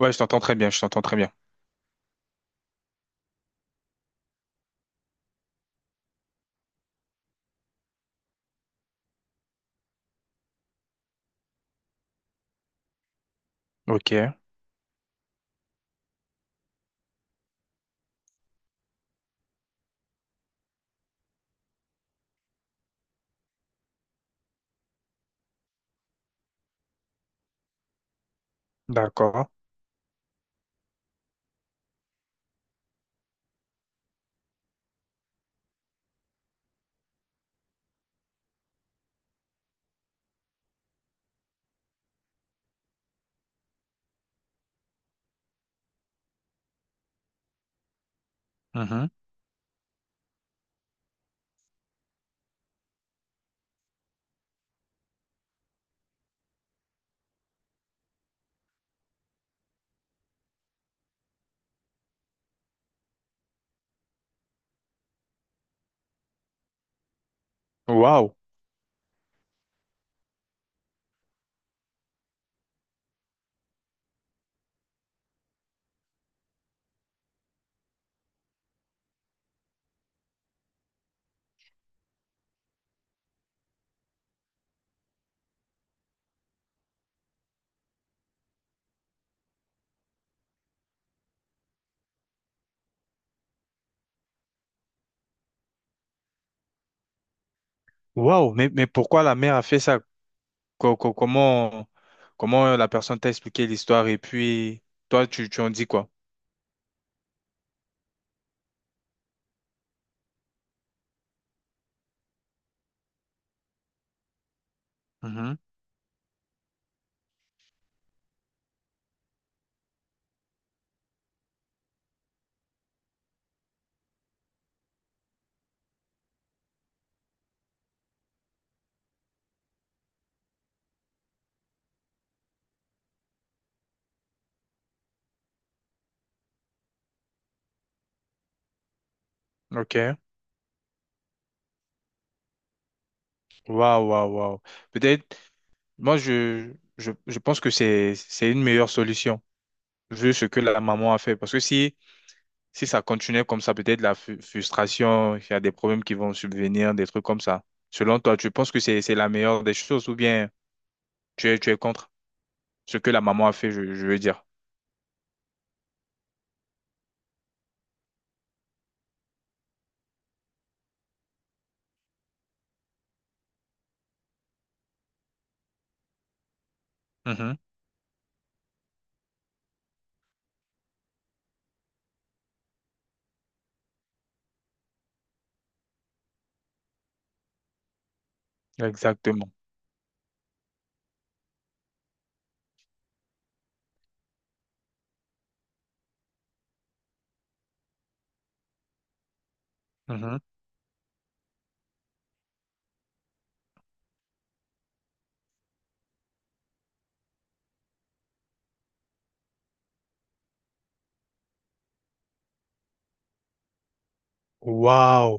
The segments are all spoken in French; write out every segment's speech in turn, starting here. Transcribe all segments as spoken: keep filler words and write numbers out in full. Ouais, je t'entends très bien, je t'entends très bien. Ok, d'accord. Mhm. Waouh, waouh, mais, mais pourquoi la mère a fait ça? Co- co- Comment, comment la personne t'a expliqué l'histoire et puis toi, tu, tu en dis quoi? Mhm. Ok, waouh, waouh, waouh. Peut-être, moi, je, je, je pense que c'est, c'est une meilleure solution, vu ce que la maman a fait. Parce que si, si ça continuait comme ça, peut-être la fu- frustration, il y a des problèmes qui vont subvenir, des trucs comme ça. Selon toi, tu penses que c'est, c'est la meilleure des choses ou bien. Tu es, tu es contre ce que la maman a fait, je, je veux dire. Mhm. Exactement. Mhm. Waouh.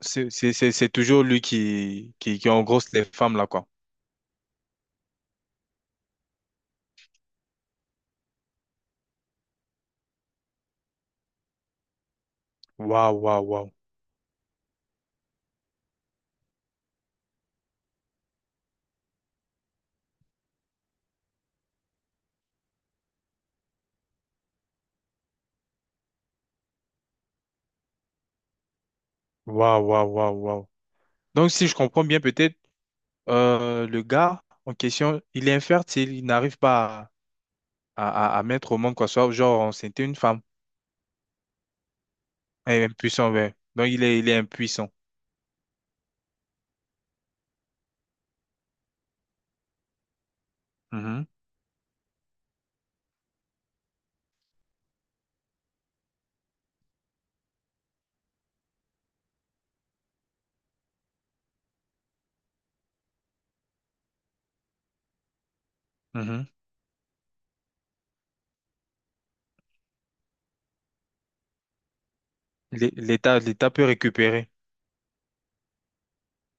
C'est c'est- c'est- c'est toujours lui qui, qui, qui engrosse les femmes, là, quoi. Waouh, waouh, waouh. Waouh, waouh, waouh, waouh. Donc, si je comprends bien, peut-être euh, le gars en question, il est infertile, il n'arrive pas à, à, à- à mettre au monde, quoi. Soit, genre, c'était une femme. Il est impuissant, ouais. Donc, il est, il est impuissant. Mhm. Mhm. L'é- L'État, l'État peut récupérer.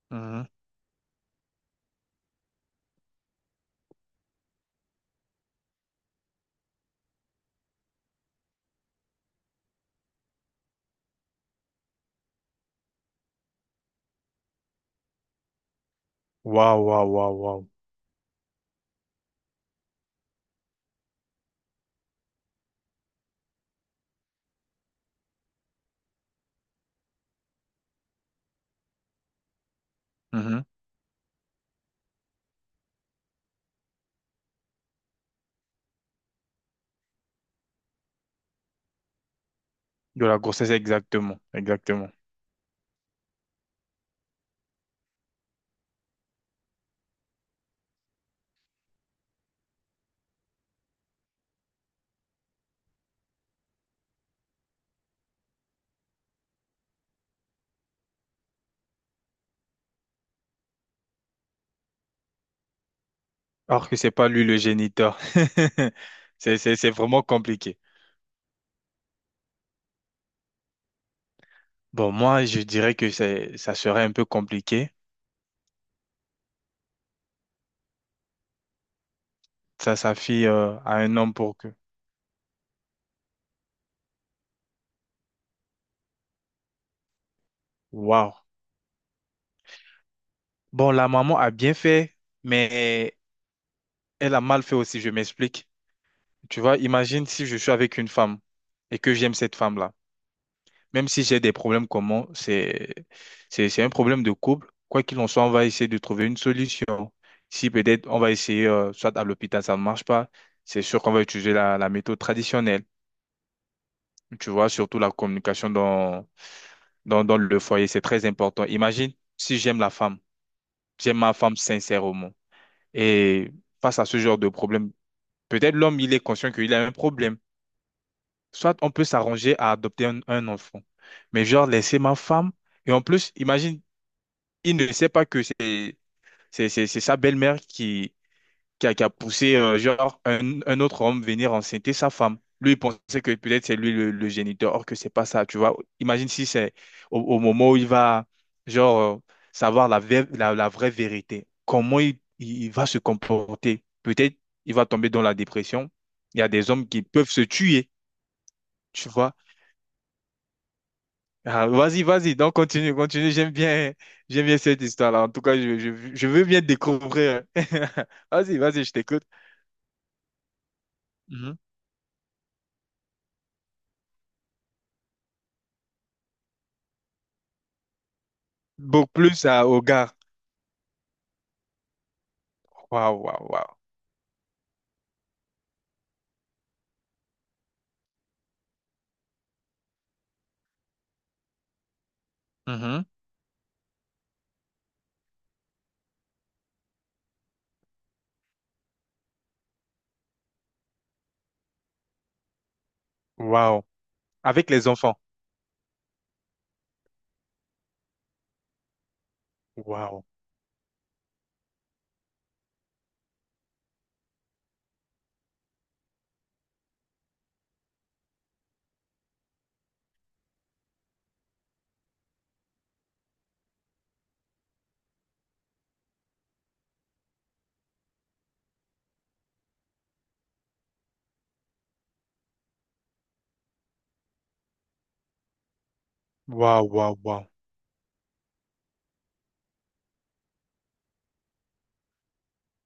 Mhm. Waouh, waouh, waouh, waouh. De la grossesse, exactement, exactement. Alors que c'est pas lui le géniteur. C'est, c'est, c'est vraiment compliqué. Bon, moi, je dirais que c'est, ça serait un peu compliqué. Ça, sa fille, euh, à un homme pour que. Waouh. Bon, la maman a bien fait, mais elle a mal fait aussi, je m'explique. Tu vois, imagine si je suis avec une femme et que j'aime cette femme-là. Même si j'ai des problèmes communs, c'est, c'est, c'est un problème de couple. Quoi qu'il en soit, on va essayer de trouver une solution. Si peut-être on va essayer, euh, soit à l'hôpital, ça ne marche pas, c'est sûr qu'on va utiliser la, la méthode traditionnelle. Tu vois, surtout la communication dans, dans, dans le foyer, c'est très important. Imagine si j'aime la femme, j'aime ma femme sincèrement. Et face à ce genre de problème, peut-être l'homme, il est conscient qu'il a un problème. Soit on peut s'arranger à adopter un, un enfant. Mais genre, laisser ma femme. Et en plus, imagine, il ne sait pas que c'est c'est- c'est- c'est sa belle-mère qui qui a, qui a poussé euh, genre un, un autre homme venir enceinter sa femme. Lui, il pensait que peut-être c'est lui le, le géniteur, or que c'est pas ça, tu vois. Imagine si c'est au, au moment où il va genre euh, savoir la, vé- la, la vraie vérité, comment il, il il va se comporter. Peut-être il va tomber dans la dépression. Il y a des hommes qui peuvent se tuer, tu vois. Ah, vas-y, vas-y, donc continue, continue. J'aime bien, j'aime bien cette histoire-là. En tout cas, je, je, je veux bien découvrir. Vas-y, vas-y, je t'écoute. Beaucoup plus à, aux gars. Waouh, waouh, waouh. Mhm. Waouh. Avec les enfants. Waouh. Waouh, waouh, waouh.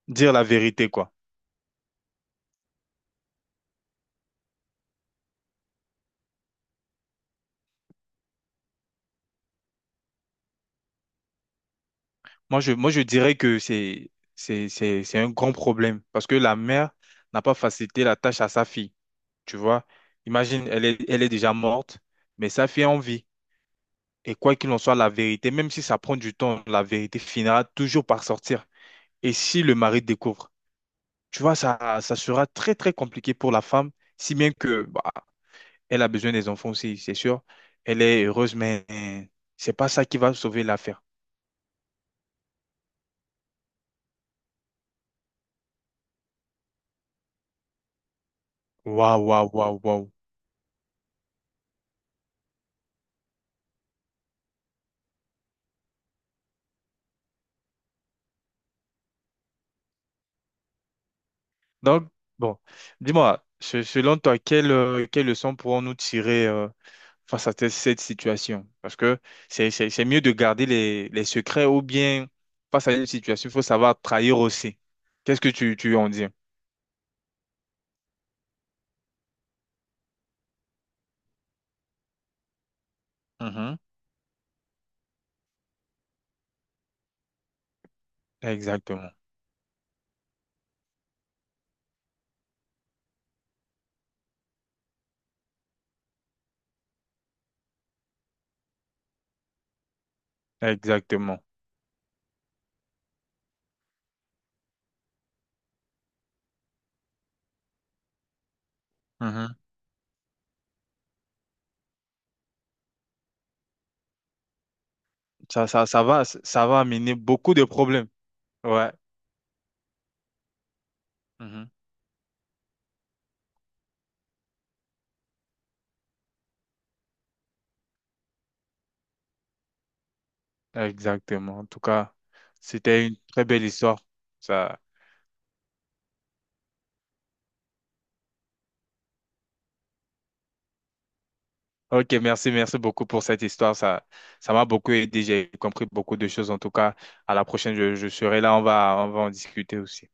Dire la vérité, quoi. Moi, je, moi, je dirais que c'est, c'est, c'est, c'est un grand problème parce que la mère n'a pas facilité la tâche à sa fille. Tu vois? Imagine, elle est, elle est déjà morte, mais sa fille est en vie. Et quoi qu'il en soit, la vérité, même si ça prend du temps, la vérité finira toujours par sortir. Et si le mari découvre, tu vois, ça, ça sera très, très compliqué pour la femme, si bien que, bah, elle a besoin des enfants aussi, c'est sûr. Elle est heureuse, mais euh, c'est pas ça qui va sauver l'affaire. Waouh, waouh, waouh, waouh. Donc, bon, dis-moi, se- selon toi, quelle, euh, quelle leçon pourrons-nous tirer euh, face à te- cette situation? Parce que c'est, c'est, c'est mieux de garder les, les secrets ou bien face à une situation, il faut savoir trahir aussi. Qu'est-ce que tu, tu en dis? Mhm. Exactement, exactement. Mhm. Ça, ça, ça va, ça va amener beaucoup de problèmes. Ouais. Mhm. Exactement. En tout cas, c'était une très belle histoire. Ça. Ok, merci, merci beaucoup pour cette histoire. Ça, ça m'a beaucoup aidé. J'ai compris beaucoup de choses. En tout cas, à la prochaine, je, je serai là. On va, on va en discuter aussi.